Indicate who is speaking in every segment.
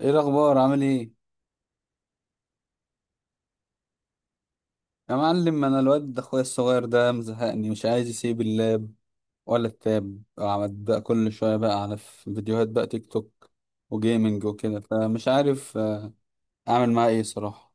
Speaker 1: ايه الاخبار؟ عامل ايه؟ يا معلم، انا الواد ده اخويا الصغير ده مزهقني، مش عايز يسيب اللاب ولا التاب. قعد بقى كل شويه بقى على فيديوهات بقى تيك توك وجيمنج وكده، فمش عارف اعمل معاه ايه صراحه؟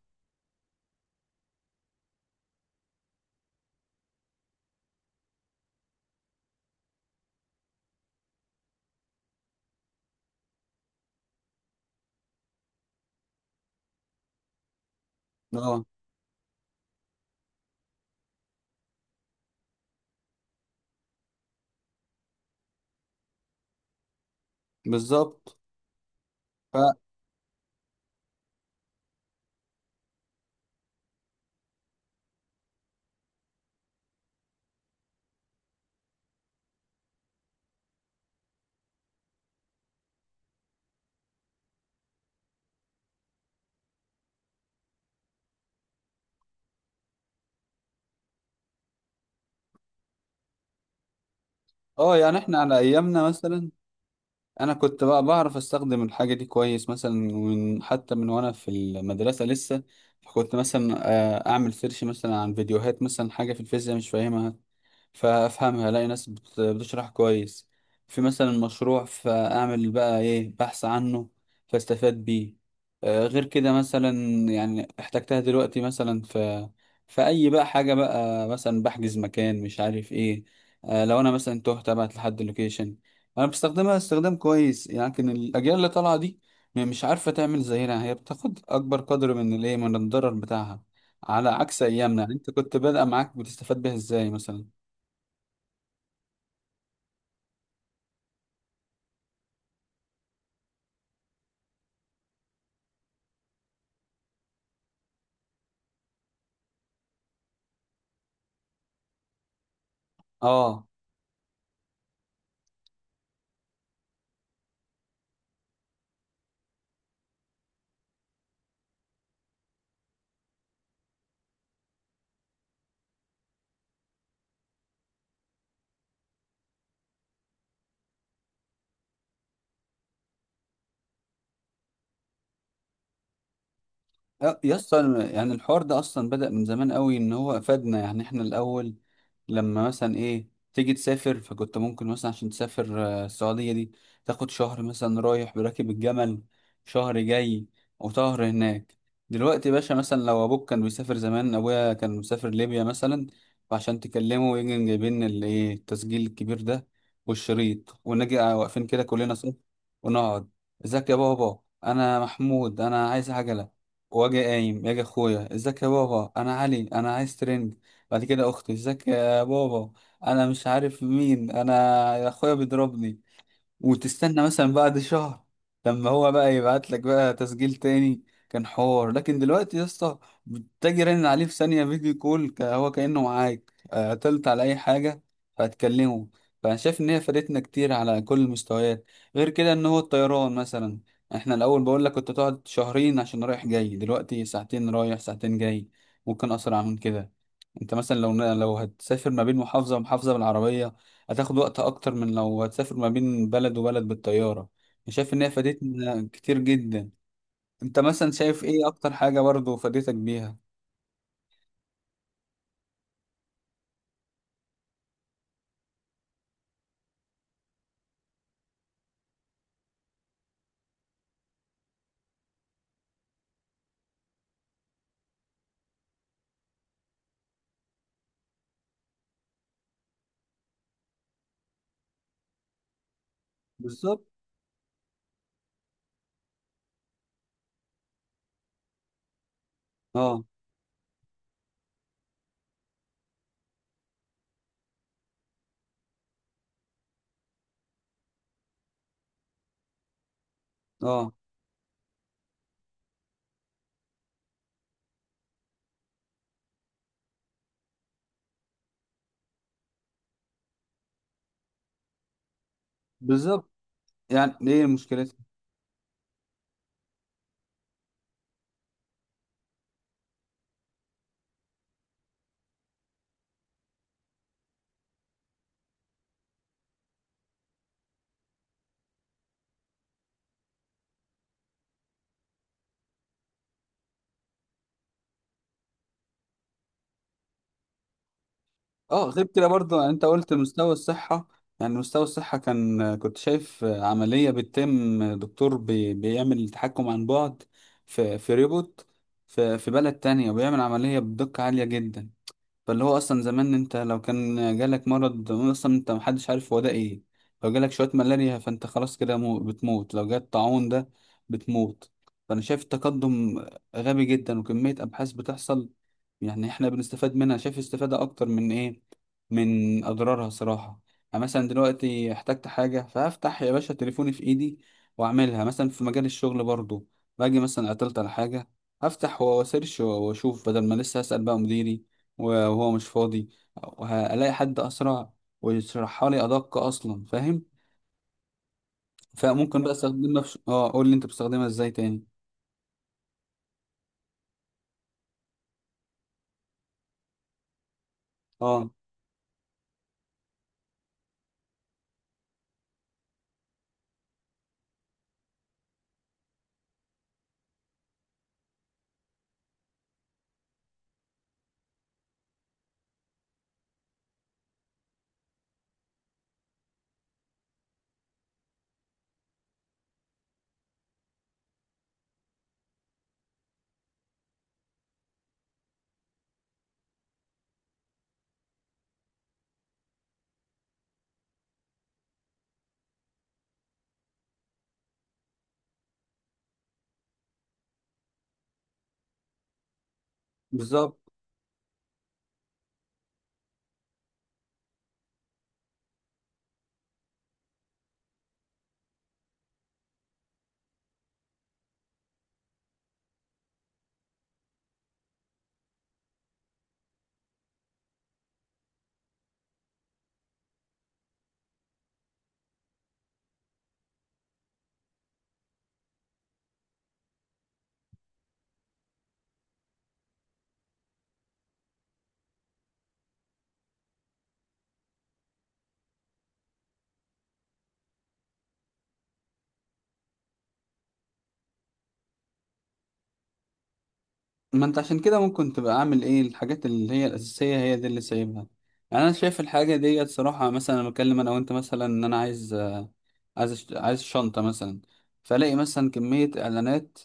Speaker 1: اه، بالظبط. ف اه يعني احنا على ايامنا مثلا، انا كنت بقى بعرف استخدم الحاجه دي كويس، مثلا حتى من وانا في المدرسه لسه. كنت مثلا اعمل سيرش مثلا عن فيديوهات، مثلا حاجه في الفيزياء مش فاهمها فافهمها، الاقي ناس بتشرح كويس. في مثلا مشروع فاعمل بقى ايه بحث عنه فاستفاد بيه. غير كده مثلا، يعني احتجتها دلوقتي مثلا في اي بقى حاجه بقى، مثلا بحجز مكان مش عارف ايه. لو انا مثلا تهت ابعت لحد لوكيشن. انا بستخدمها استخدام كويس، لكن الاجيال اللي طالعه دي مش عارفه تعمل زينا، هي بتاخد اكبر قدر من الايه، من الضرر بتاعها. على عكس ايامنا، انت كنت بادئه معاك بتستفاد بيها ازاي مثلا؟ اه. يا اسطى، يعني الحوار ده اصلا بدأ من زمان قوي، ان هو افادنا. يعني احنا الاول لما مثلا ايه تيجي تسافر، فكنت ممكن مثلا عشان تسافر السعودية دي، تاخد شهر مثلا رايح براكب الجمل، شهر جاي وشهر هناك. دلوقتي يا باشا، مثلا لو ابوك كان بيسافر، زمان ابويا كان مسافر ليبيا مثلا، فعشان تكلمه يجي جايبين الايه، التسجيل الكبير ده والشريط، ونجي واقفين كده كلنا صف ونقعد. ازيك يا بابا، انا محمود، انا عايز عجلة. واجي قايم يجي اخويا: ازيك يا بابا، انا علي، انا عايز ترنج. بعد كده اخته: ازيك يا بابا، انا مش عارف مين، انا اخويا بيضربني. وتستنى مثلا بعد شهر لما هو بقى يبعت لك بقى تسجيل تاني. كان حوار، لكن دلوقتي يا اسطى بتجي رن عليه في ثانية فيديو كول، هو كأنه معاك. قتلت على أي حاجة فهتكلمه. فأنا شايف إن هي فادتنا كتير على كل المستويات. غير كده، إن هو الطيران مثلا، إحنا الأول بقول لك كنت تقعد شهرين عشان رايح جاي، دلوقتي ساعتين رايح ساعتين جاي، ممكن أسرع من كده. أنت مثلا لو هتسافر ما بين محافظة ومحافظة بالعربية، هتاخد وقت اكتر من لو هتسافر ما بين بلد وبلد بالطيارة. أنا شايف ان هي فادتنا كتير جدا. انت مثلا شايف ايه اكتر حاجة برضو فادتك بيها؟ بالظبط. اه. اه، بالظبط. يعني ايه مشكلتها؟ اه، غير كده برضو. يعني انت قلت مستوى الصحة، يعني مستوى الصحة، كنت شايف عملية بتتم، دكتور بيعمل تحكم عن بعد في ريبوت، في بلد تانية، وبيعمل عملية بدقة عالية جدا. فاللي هو اصلا زمان انت لو كان جالك مرض اصلا، انت محدش عارف هو ده ايه. لو جالك شويه ملاريا فانت خلاص كده بتموت، لو جالك طاعون ده بتموت. فانا شايف التقدم غبي جدا، وكميه ابحاث بتحصل يعني احنا بنستفاد منها. شايف استفاده اكتر من ايه، من اضرارها صراحه. يعني مثلا دلوقتي احتجت حاجه، فهفتح يا باشا تليفوني في ايدي واعملها. مثلا في مجال الشغل برضو، باجي مثلا عطلت على حاجه، هفتح واسيرش واشوف، بدل ما لسه اسال بقى مديري وهو مش فاضي، وهلاقي حد اسرع ويشرحها لي ادق اصلا، فاهم؟ فممكن بقى استخدمها في ش... اه قول لي انت بتستخدمها ازاي تاني؟ اه، بالظبط. ما انت عشان كده ممكن تبقى اعمل ايه الحاجات اللي هي الاساسيه، هي دي اللي سايبها. يعني انا شايف الحاجه دي صراحه، مثلا انا بتكلم انا وانت مثلا ان انا عايز آه، عايز أشت- عايز شنطه مثلا، فلاقي مثلا كميه اعلانات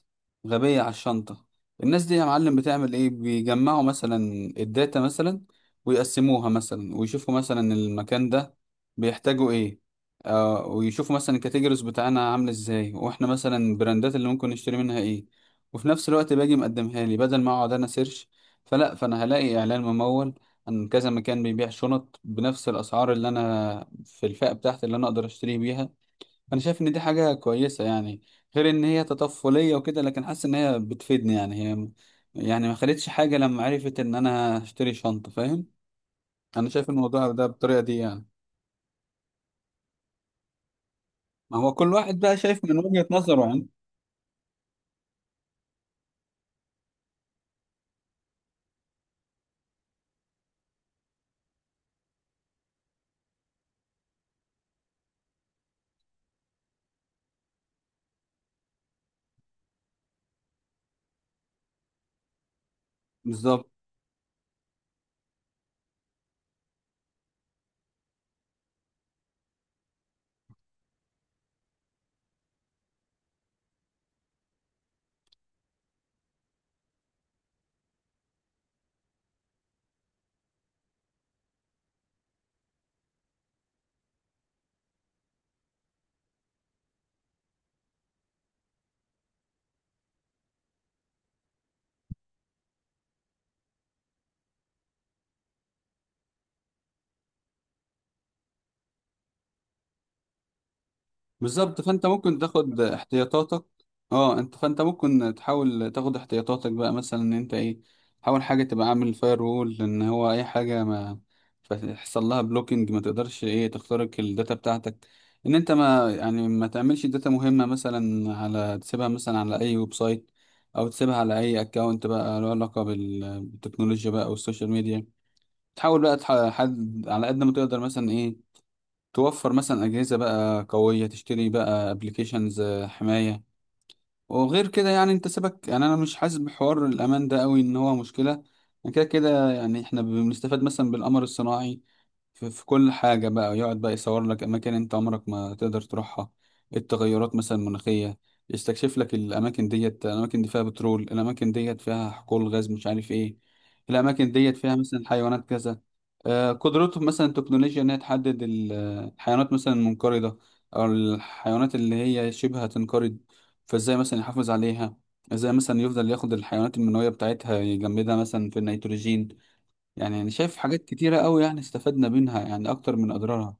Speaker 1: غبيه على الشنطه. الناس دي يا معلم بتعمل ايه؟ بيجمعوا مثلا الداتا مثلا ويقسموها مثلا، ويشوفوا مثلا المكان ده بيحتاجوا ايه، ويشوفوا مثلا الكاتيجوريز بتاعنا عامل ازاي، واحنا مثلا البراندات اللي ممكن نشتري منها ايه. وفي نفس الوقت باجي مقدمها لي، بدل ما اقعد انا سيرش، فانا هلاقي اعلان ممول عن كذا مكان بيبيع شنط بنفس الاسعار اللي انا في الفئة بتاعتي اللي انا اقدر اشتري بيها. فانا شايف ان دي حاجة كويسة يعني، غير ان هي تطفلية وكده، لكن حاسس ان هي بتفيدني، يعني هي يعني ما خلتش حاجة لما عرفت ان انا هشتري شنطة، فاهم؟ انا شايف الموضوع ده بالطريقة دي يعني. ما هو كل واحد بقى شايف من وجهة نظره يعني. بالظبط. بالظبط، فانت ممكن تاخد احتياطاتك. اه. فانت ممكن تحاول تاخد احتياطاتك بقى، مثلا ان انت ايه، حاول حاجه تبقى عامل فاير وول، ان هو اي حاجه ما يحصل لها بلوكينج، ما تقدرش ايه تخترق الداتا بتاعتك. ان انت ما يعني ما تعملش داتا مهمه مثلا، على تسيبها مثلا على اي ويب سايت، او تسيبها على اي اكونت بقى له علاقه بالتكنولوجيا بقى، او السوشيال ميديا. تحاول بقى حد على قد ما تقدر، مثلا إيه، توفر مثلا أجهزة بقى قوية، تشتري بقى ابلكيشنز حماية. وغير كده، يعني انت سيبك، يعني انا مش حاسس بحوار الامان ده قوي ان هو مشكلة. أنا كده كده يعني احنا بنستفاد مثلا بالقمر الصناعي في كل حاجة بقى، يقعد بقى يصور لك أماكن أنت عمرك ما تقدر تروحها، التغيرات مثلا المناخية، يستكشف لك الأماكن ديت، الأماكن دي فيها بترول، الأماكن ديت فيها حقول غاز مش عارف إيه، الأماكن ديت فيها مثلا حيوانات كذا. قدرته مثلا التكنولوجيا إنها تحدد الحيوانات مثلا المنقرضة، أو الحيوانات اللي هي شبه هتنقرض. فإزاي مثلا يحافظ عليها؟ إزاي مثلا يفضل ياخد الحيوانات المنوية بتاعتها يجمدها مثلا في النيتروجين؟ يعني انا شايف حاجات كتيرة قوي يعني استفدنا منها، يعني اكتر من اضرارها.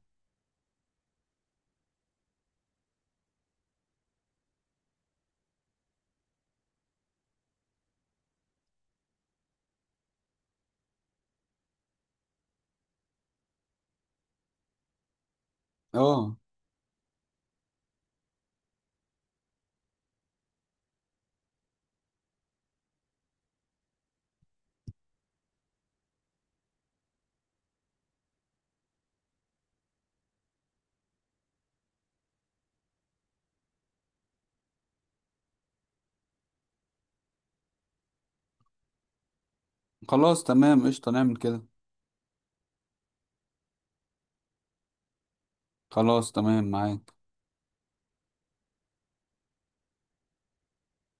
Speaker 1: اه، خلاص تمام، قشطة نعمل كده. خلاص تمام معاك.